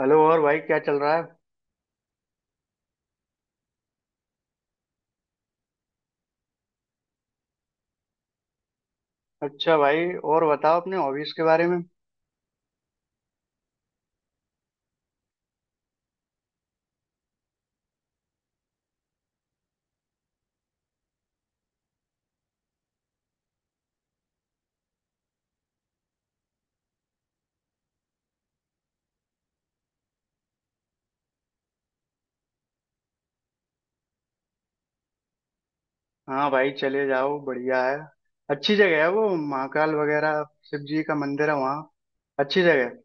Hello और भाई, क्या चल रहा है। अच्छा भाई। और बताओ अपने हॉबीज के बारे में। हाँ भाई, चले जाओ, बढ़िया है। अच्छी जगह है वो, महाकाल वगैरह। शिव जी का मंदिर है वहाँ। अच्छी जगह है।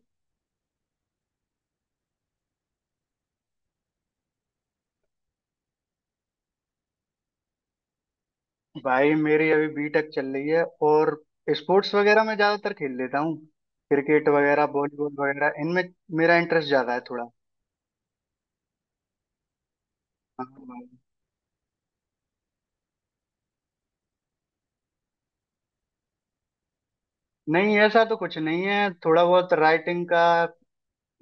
भाई, मेरी अभी बीटेक चल रही है। और स्पोर्ट्स वगैरह मैं ज्यादातर खेल लेता हूँ। क्रिकेट वगैरह, वॉलीबॉल वगैरह, इनमें मेरा इंटरेस्ट ज्यादा है थोड़ा। हाँ भाई। नहीं, ऐसा तो कुछ नहीं है, थोड़ा बहुत राइटिंग का।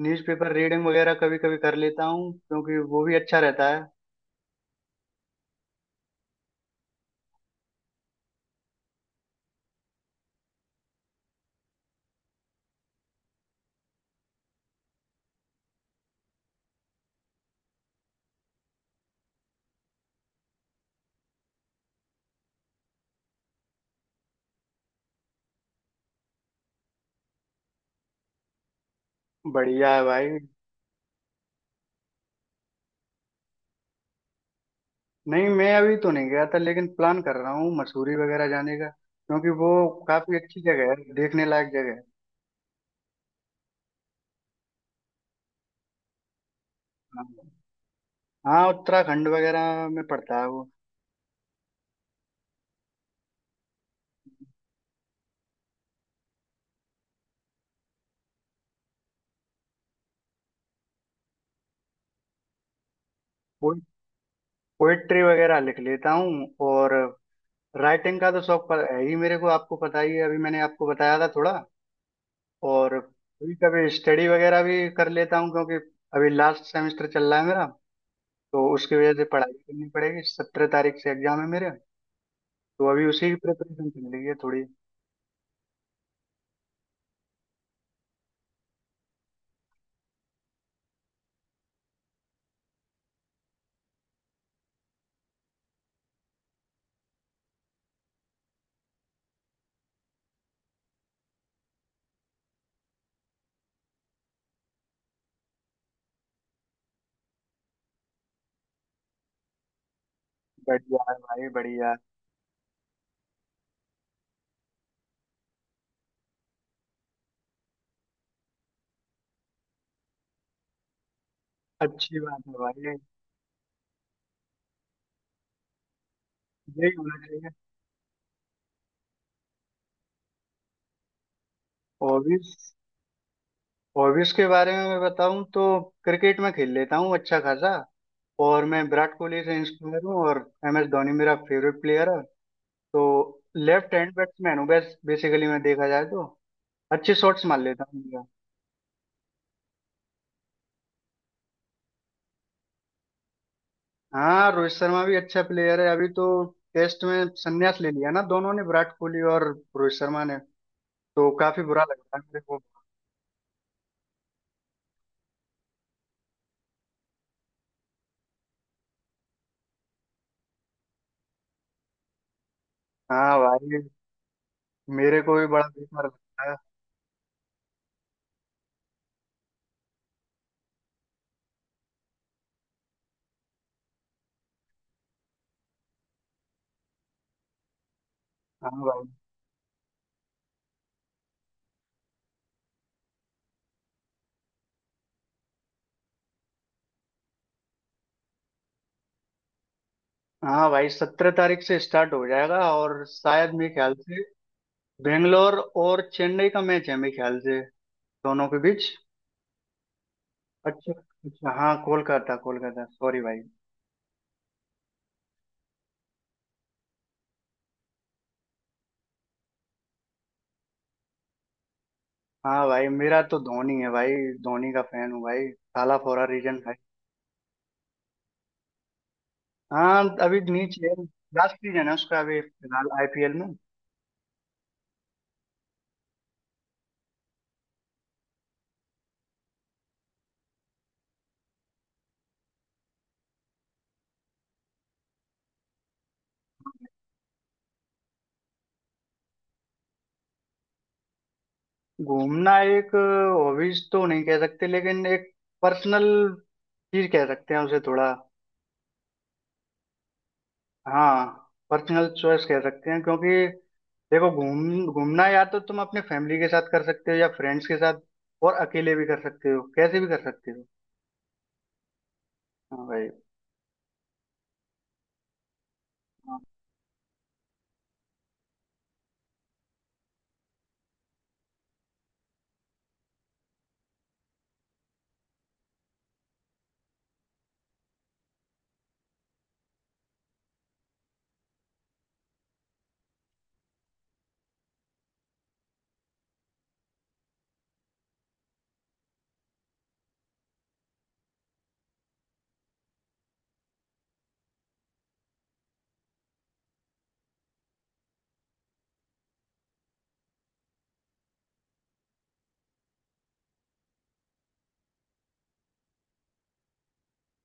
न्यूज़पेपर रीडिंग वगैरह कभी कभी कर लेता हूँ क्योंकि वो भी अच्छा रहता है। बढ़िया है भाई। नहीं, मैं अभी तो नहीं गया था लेकिन प्लान कर रहा हूँ मसूरी वगैरह जाने का, क्योंकि वो काफी अच्छी जगह है, देखने लायक जगह है। हाँ, उत्तराखंड वगैरह में पड़ता है वो। पोइट्री वगैरह लिख लेता हूँ। और राइटिंग का तो शौक पर है ही मेरे को, आपको पता ही है, अभी मैंने आपको बताया था थोड़ा। और कभी कभी स्टडी वगैरह भी कर लेता हूँ, क्योंकि अभी लास्ट सेमेस्टर चल रहा है मेरा। तो उसकी वजह से पढ़ाई करनी पड़ेगी, 17 तारीख से एग्जाम है मेरे। तो अभी उसी की प्रिपरेशन चल रही है थोड़ी। बढ़िया है भाई, बढ़िया। अच्छी बात है भाई। यही होना चाहिए। हॉबीज हॉबीज के बारे में मैं बताऊं तो क्रिकेट में खेल लेता हूँ अच्छा खासा। और मैं विराट कोहली से इंस्पायर हूँ, और MS धोनी मेरा फेवरेट प्लेयर है। तो लेफ्ट हैंड बैट्समैन हूँ बस, बेसिकली मैं देखा जाए तो अच्छे शॉट्स मार लेता हूँ मैं। हाँ, रोहित शर्मा भी अच्छा प्लेयर है। अभी तो टेस्ट में संन्यास ले लिया ना दोनों ने, विराट कोहली और रोहित शर्मा ने। तो काफी बुरा लग रहा है मेरे को। हाँ भाई, मेरे को भी बड़ा बेकार लगता है। हाँ भाई, हाँ भाई, 17 तारीख से स्टार्ट हो जाएगा। और शायद मेरे ख्याल से बेंगलोर और चेन्नई का मैच है मेरे ख्याल से, दोनों के बीच। अच्छा। अच्छा हाँ, कोलकाता, कोलकाता, सॉरी भाई। हाँ भाई, मेरा तो धोनी है भाई। धोनी का फैन हूँ भाई। थाला फोरा रीजन भाई। हाँ, अभी नीचे है, लास्ट सीजन है उसका अभी फिलहाल IPL में। घूमना एक हॉबीज तो नहीं कह सकते, लेकिन एक पर्सनल चीज कह सकते हैं उसे थोड़ा। हाँ, पर्सनल चॉइस कह सकते हैं, क्योंकि देखो, घूमना या तो तुम अपने फैमिली के साथ कर सकते हो, या फ्रेंड्स के साथ। और अकेले भी कर सकते हो, कैसे भी कर सकते हो। हाँ भाई। हाँ,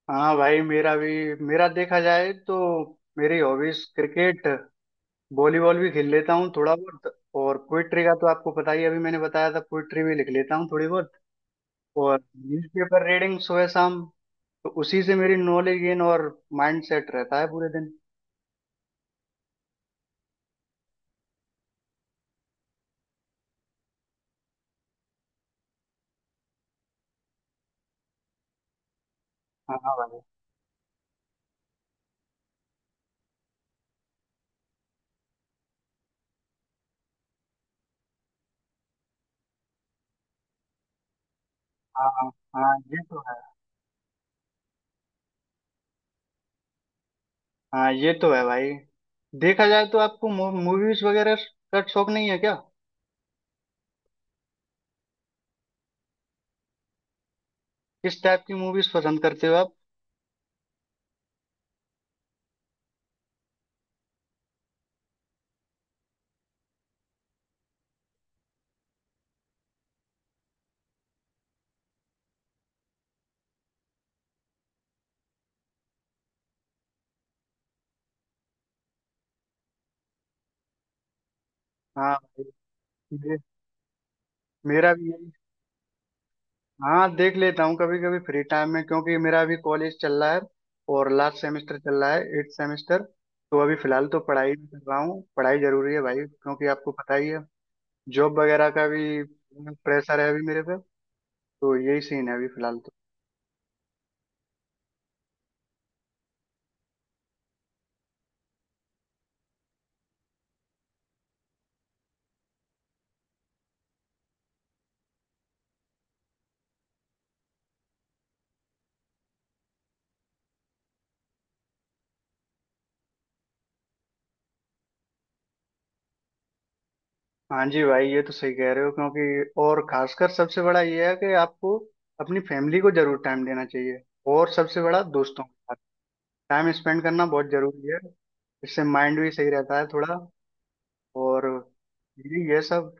हाँ भाई, मेरा भी, मेरा देखा जाए तो मेरी हॉबीज क्रिकेट, वॉलीबॉल भी खेल लेता हूँ थोड़ा बहुत। और पोइट्री का तो आपको पता ही है, अभी मैंने बताया था, पोइट्री भी लिख लेता हूँ थोड़ी बहुत। और न्यूज़पेपर रीडिंग सुबह शाम, तो उसी से मेरी नॉलेज गेन और माइंड सेट रहता है पूरे दिन। हाँ भाई। हाँ, हाँ, ये तो है। हाँ, ये तो है भाई। देखा जाए तो आपको मूवीज वगैरह का शौक नहीं है क्या। किस टाइप की मूवीज पसंद करते हो आप। हाँ भाई। मे- मेरा भी यही। हाँ, देख लेता हूँ कभी कभी फ्री टाइम में, क्योंकि मेरा अभी कॉलेज चल रहा है, और लास्ट सेमेस्टर चल रहा है, 8th सेमेस्टर। तो अभी फिलहाल तो पढ़ाई भी कर रहा हूँ। पढ़ाई जरूरी है भाई, क्योंकि आपको पता ही है, जॉब वगैरह का भी प्रेशर है अभी मेरे पे। तो यही सीन है अभी फिलहाल तो। हाँ जी भाई, ये तो सही कह रहे हो, क्योंकि और खासकर सबसे बड़ा ये है कि आपको अपनी फैमिली को जरूर टाइम देना चाहिए। और सबसे बड़ा, दोस्तों के साथ टाइम स्पेंड करना बहुत जरूरी है। इससे माइंड भी सही रहता है थोड़ा। और ये सब।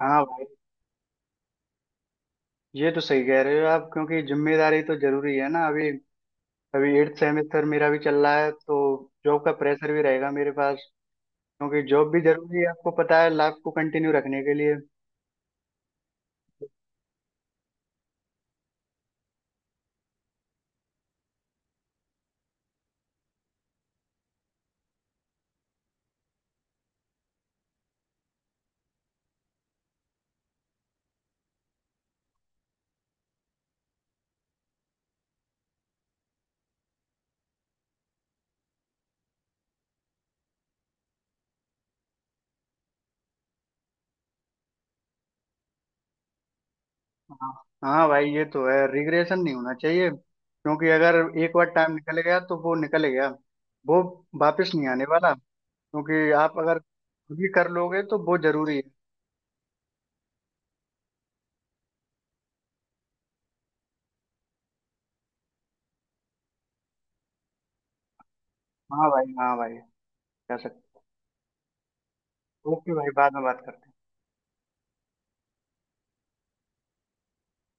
हाँ भाई, ये तो सही कह रहे हो आप, क्योंकि जिम्मेदारी तो जरूरी है ना। अभी अभी 8th सेमेस्टर मेरा भी चल रहा है, तो जॉब का प्रेशर भी रहेगा मेरे पास। क्योंकि जॉब भी जरूरी है, आपको पता है, लाइफ को कंटिन्यू रखने के लिए। हाँ। हाँ भाई, ये तो है, रिग्रेशन नहीं होना चाहिए, क्योंकि अगर एक बार टाइम निकल गया तो वो निकल गया। वो वापस नहीं आने वाला। क्योंकि आप अगर खुद ही कर लोगे तो वो जरूरी है। हाँ भाई, हाँ भाई, कह सकते। ओके भाई, बाद में बात करते हैं।